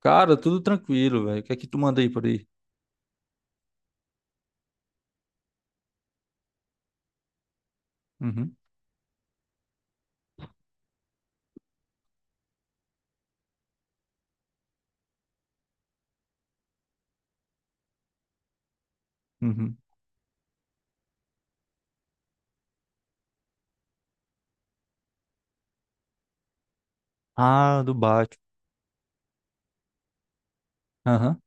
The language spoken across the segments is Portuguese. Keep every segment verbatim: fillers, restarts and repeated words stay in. Cara, tudo tranquilo, velho. O que é que tu manda aí por aí? Uhum, uhum. Ah, do Batman. Aham,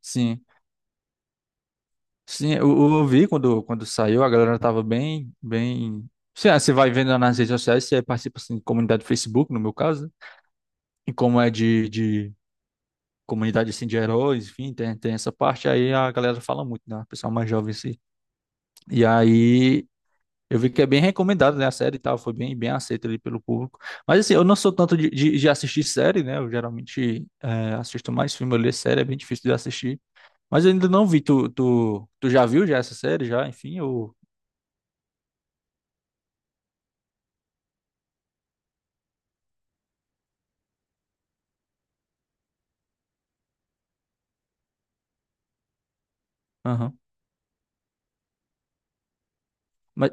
sim. Sim, eu, eu eu vi quando, quando saiu, a galera tava bem, bem... Sim, ah, você vai vendo nas redes sociais, você participa, assim, de comunidade do Facebook, no meu caso, né? E como é de, de comunidade, assim, de heróis, enfim, tem, tem essa parte, aí a galera fala muito, né? O pessoal mais jovem, assim. E aí eu vi que é bem recomendado, né? A série e tal, foi bem, bem aceita ali pelo público. Mas assim, eu não sou tanto de, de, de assistir série, né? Eu geralmente é, assisto mais filme, eu leio série, é bem difícil de assistir. Mas eu ainda não vi, tu, tu, tu já viu já essa série, já, enfim, eu... Aham. Mas,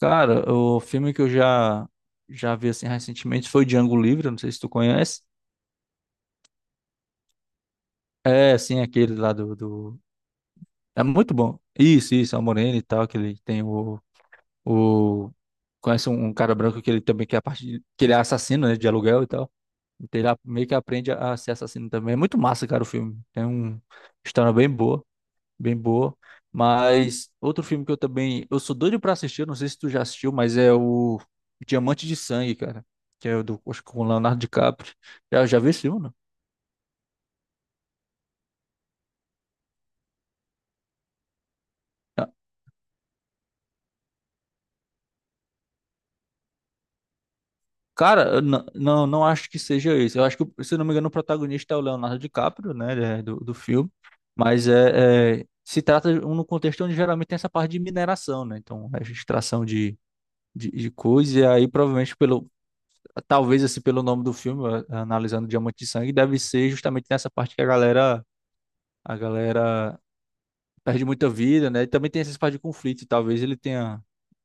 cara, o filme que eu já, já vi, assim, recentemente foi Django Livre, eu não sei se tu conhece. É, assim, aquele lá do, do... É muito bom. Isso, isso, é o Moreno e tal, que ele tem o... O... Conhece um, um cara branco que ele também quer a parte de- que ele é assassino, né, de aluguel e tal. Então ele a- meio que aprende a, a ser assassino também. É muito massa, cara, o filme. Tem um história bem boa, bem boa. Mas outro filme que eu também, eu sou doido pra assistir, eu não sei se tu já assistiu, mas é o Diamante de Sangue, cara, que é o do, acho que com o Leonardo DiCaprio. Já, já vi esse filme, não? Cara, eu n- não, não acho que seja isso. Eu acho que, o- se eu não me engano, o protagonista é o Leonardo DiCaprio, né, ele é do, do filme. Mas é, é, se trata de um no contexto onde geralmente tem essa parte de mineração, né? Então, a extração de, de, de coisa, e aí provavelmente pelo, talvez assim pelo nome do filme, a- analisando Diamante de Sangue, deve ser justamente nessa parte que a galera, a galera perde muita vida, né? E também tem essas partes de conflito, e talvez ele tenha,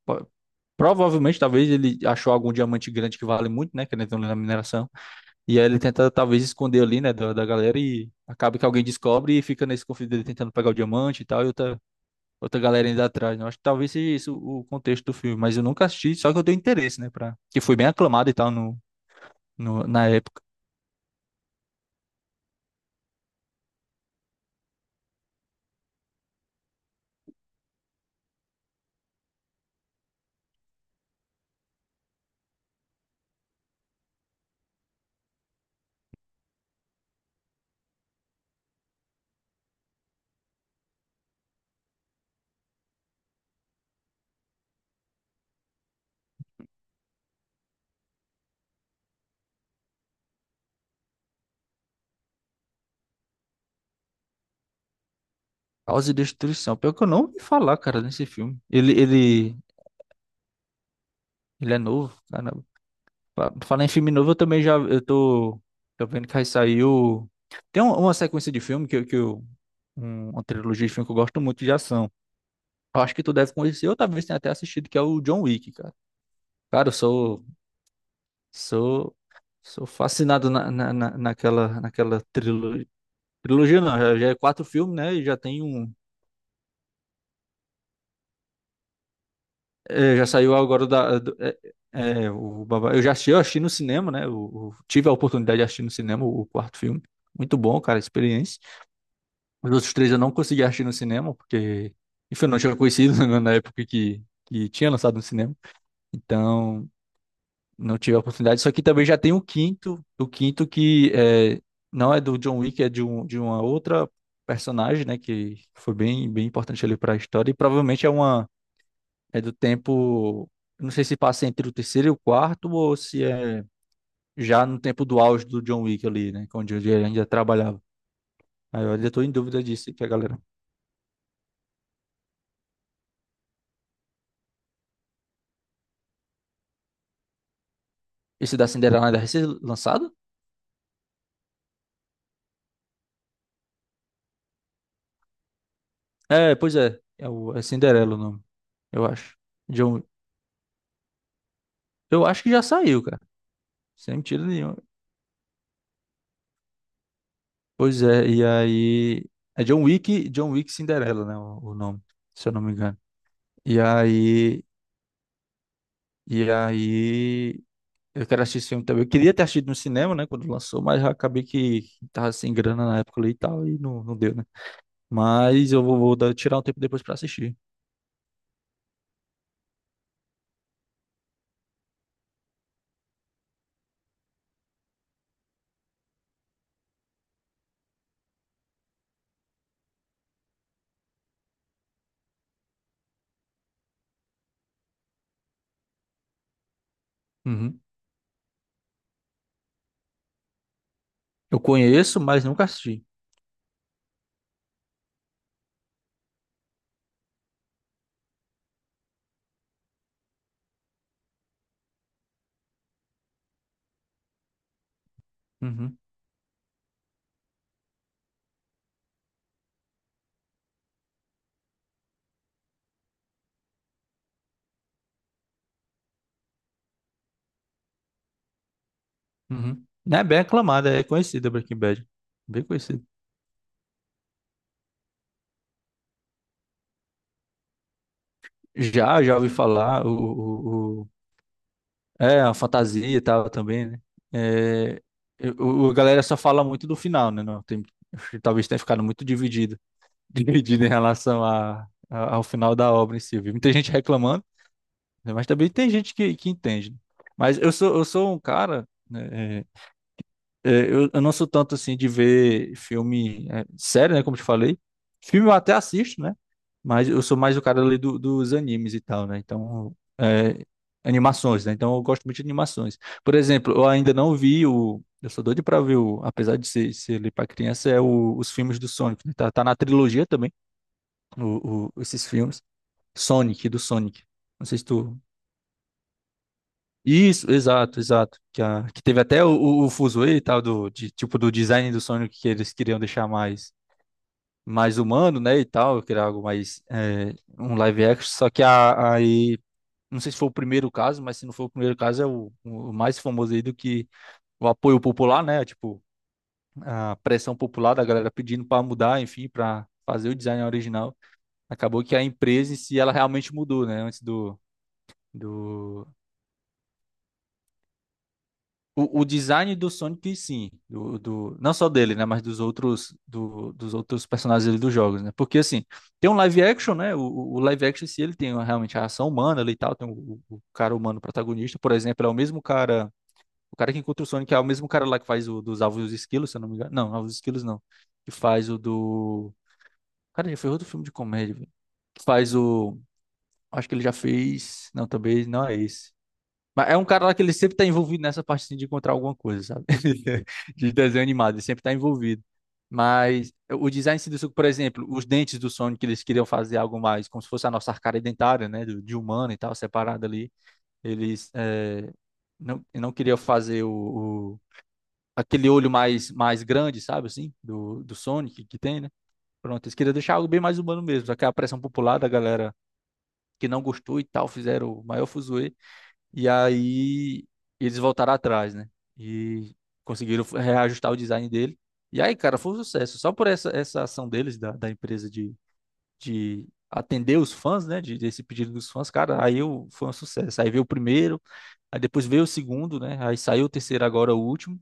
po- provavelmente, talvez ele achou algum diamante grande que vale muito, né? Que ele tem na mineração. E aí ele tenta talvez esconder ali, né, da, da galera, e acaba que alguém descobre e fica nesse conflito dele tentando pegar o diamante e tal, e outra, outra galera ainda atrás, né? Eu acho que talvez seja isso o contexto do filme, mas eu nunca assisti, só que eu tenho interesse, né, pra... Que foi bem aclamado e tal no, no, na época. Caos e Destruição, pior que eu não ouvi falar, cara, nesse filme. Ele, ele, ele é novo, caramba. Fa- Falar em filme novo, eu também já, eu tô, tô vendo que aí saiu... Tem um- uma sequência de filme que, eu- que eu... um- Uma trilogia de filme que eu gosto muito de ação. Eu acho que tu deve conhecer, ou talvez tenha até assistido, que é o John Wick, cara. Cara, eu sou, sou, sou fascinado na, na, na- naquela, naquela trilogia. Trilogia não, já, já é quatro filmes, né? E já tem um. É, já saiu agora da. Do- é, é, o, Baba- eu já assisti, eu assisti no cinema, né? O, o- tive a oportunidade de assistir no cinema o, o quarto filme. Muito bom, cara, a experiência. Os outros três eu não consegui assistir no cinema, porque. Enfim, eu não tinha conhecido na na época que, que tinha lançado no cinema. Então. Não tive a oportunidade. Isso aqui também já tem o quinto, o quinto que é, não é do John Wick, é de, um, de uma outra personagem, né? Que foi bem, bem importante ali para a história. E provavelmente é uma é do tempo. Eu não sei se passa entre o terceiro e o quarto, ou se é já no tempo do auge do John Wick ali, né? Onde ele ainda trabalhava. Aí eu ainda tô em dúvida disso, que a galera. Esse da Cinderela ainda vai ser lançado? É, pois é. É, o, é Cinderela o nome, eu acho. John, eu acho que já saiu, cara. Sem mentira nenhuma. Pois é, e aí. É John Wick, John Wick Cinderela, né? O, o nome, se eu não me engano. E aí. E aí. Eu quero assistir esse filme também. Eu queria ter assistido no cinema, né? Quando lançou, mas já acabei que tava sem grana na época ali e tal, e não, não deu, né? Mas eu vou, vou dar- tirar um tempo depois pra assistir. Uhum. Eu conheço, mas nunca assisti. Uhum. Uhum. Não é bem aclamada, é conhecida Breaking Bad. Bem conhecida. Já, já ouvi falar. O, o, É, a fantasia e tal também, né? É, eu- o, a galera só fala muito do final, né? Não, tem, acho que talvez tenha ficado muito dividido, dividido em relação a, a- ao final da obra em si. Eu vi muita gente reclamando, né? Mas também tem gente que, que entende. Né? Mas eu sou, eu sou um cara, né? é, é, eu, eu não sou tanto assim de ver filme, é, sério, né? Como eu te falei. Filme eu até assisto, né? Mas eu sou mais o cara ali do- dos animes e tal, né? Então, é, animações, né? Então eu gosto muito de animações. Por exemplo, eu ainda não vi o. Eu sou doido pra ver o. Apesar de ser, ser ali pra criança, é o- os filmes do Sonic, né? Tá, tá na trilogia também, o, o- esses filmes. Sonic, do Sonic. Não sei se tu... Isso, exato, exato. Que, a- que teve até o, o, o fuzuê e tal, do, de, tipo, do design do Sonic que eles queriam deixar mais, mais humano, né, e tal, queria algo mais, é, um live action, só que a, aí, não sei se foi o primeiro caso, mas se não foi o primeiro caso, é o, o mais famoso aí do que o apoio popular, né, tipo, a pressão popular da galera pedindo para mudar, enfim, para fazer o design original. Acabou que a empresa em si, ela realmente mudou, né, antes do... do O, o design do Sonic, sim, do, do, não só dele, né, mas dos outros, do- dos outros personagens ali dos jogos, né? Porque assim, tem um live action, né? O, o- live action, se ele tem uma- realmente a ação humana ali e tal, tem o, o cara humano protagonista, por exemplo, é o mesmo cara, o cara que encontra o Sonic é o mesmo cara lá que faz o dos Alvos e os Esquilos, se eu não me engano. Não, Alvos e Esquilos não. Que faz o do. Cara, já fez outro filme de comédia, velho. Que faz o. Acho que ele já fez. Não, também não é esse. Mas é um cara lá que ele sempre tá envolvido nessa parte, assim, de encontrar alguma coisa, sabe? De desenho animado, ele sempre tá envolvido. Mas o design em si do Suco, por exemplo, os dentes do Sonic, que eles queriam fazer algo mais, como se fosse a nossa arcada dentária, né? do- De humano e tal, separada ali. Eles eh, não, não queriam fazer o, o- aquele olho mais, mais grande, sabe, assim, do, do Sonic que tem, né? Pronto, eles queriam deixar algo bem mais humano mesmo. Só que a pressão popular da galera que não gostou e tal, fizeram o maior fuzuê. E aí eles voltaram atrás, né? E conseguiram reajustar o design dele. E aí, cara, foi um sucesso. Só por essa, essa ação deles, da, da empresa de, de atender os fãs, né? De, desse pedido dos fãs, cara, aí eu, foi um sucesso. Aí veio o primeiro, aí depois veio o segundo, né? Aí saiu o terceiro, agora o último.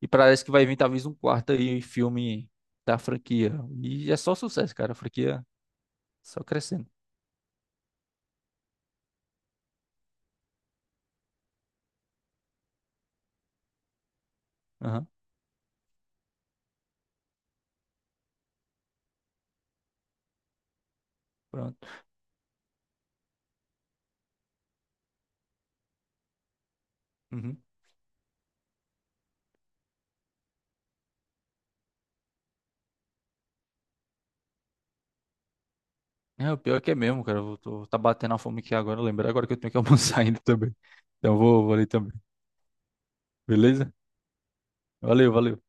E parece que vai vir talvez um quarto aí filme da franquia. E é só sucesso, cara. A franquia só crescendo. Aham, pronto. Uhum. É, o pior é que é mesmo, cara. Eu tô, tá batendo a fome aqui agora, lembrar agora que eu tenho que almoçar ainda também. Então eu vou, vou ali também. Beleza? Valeu, valeu.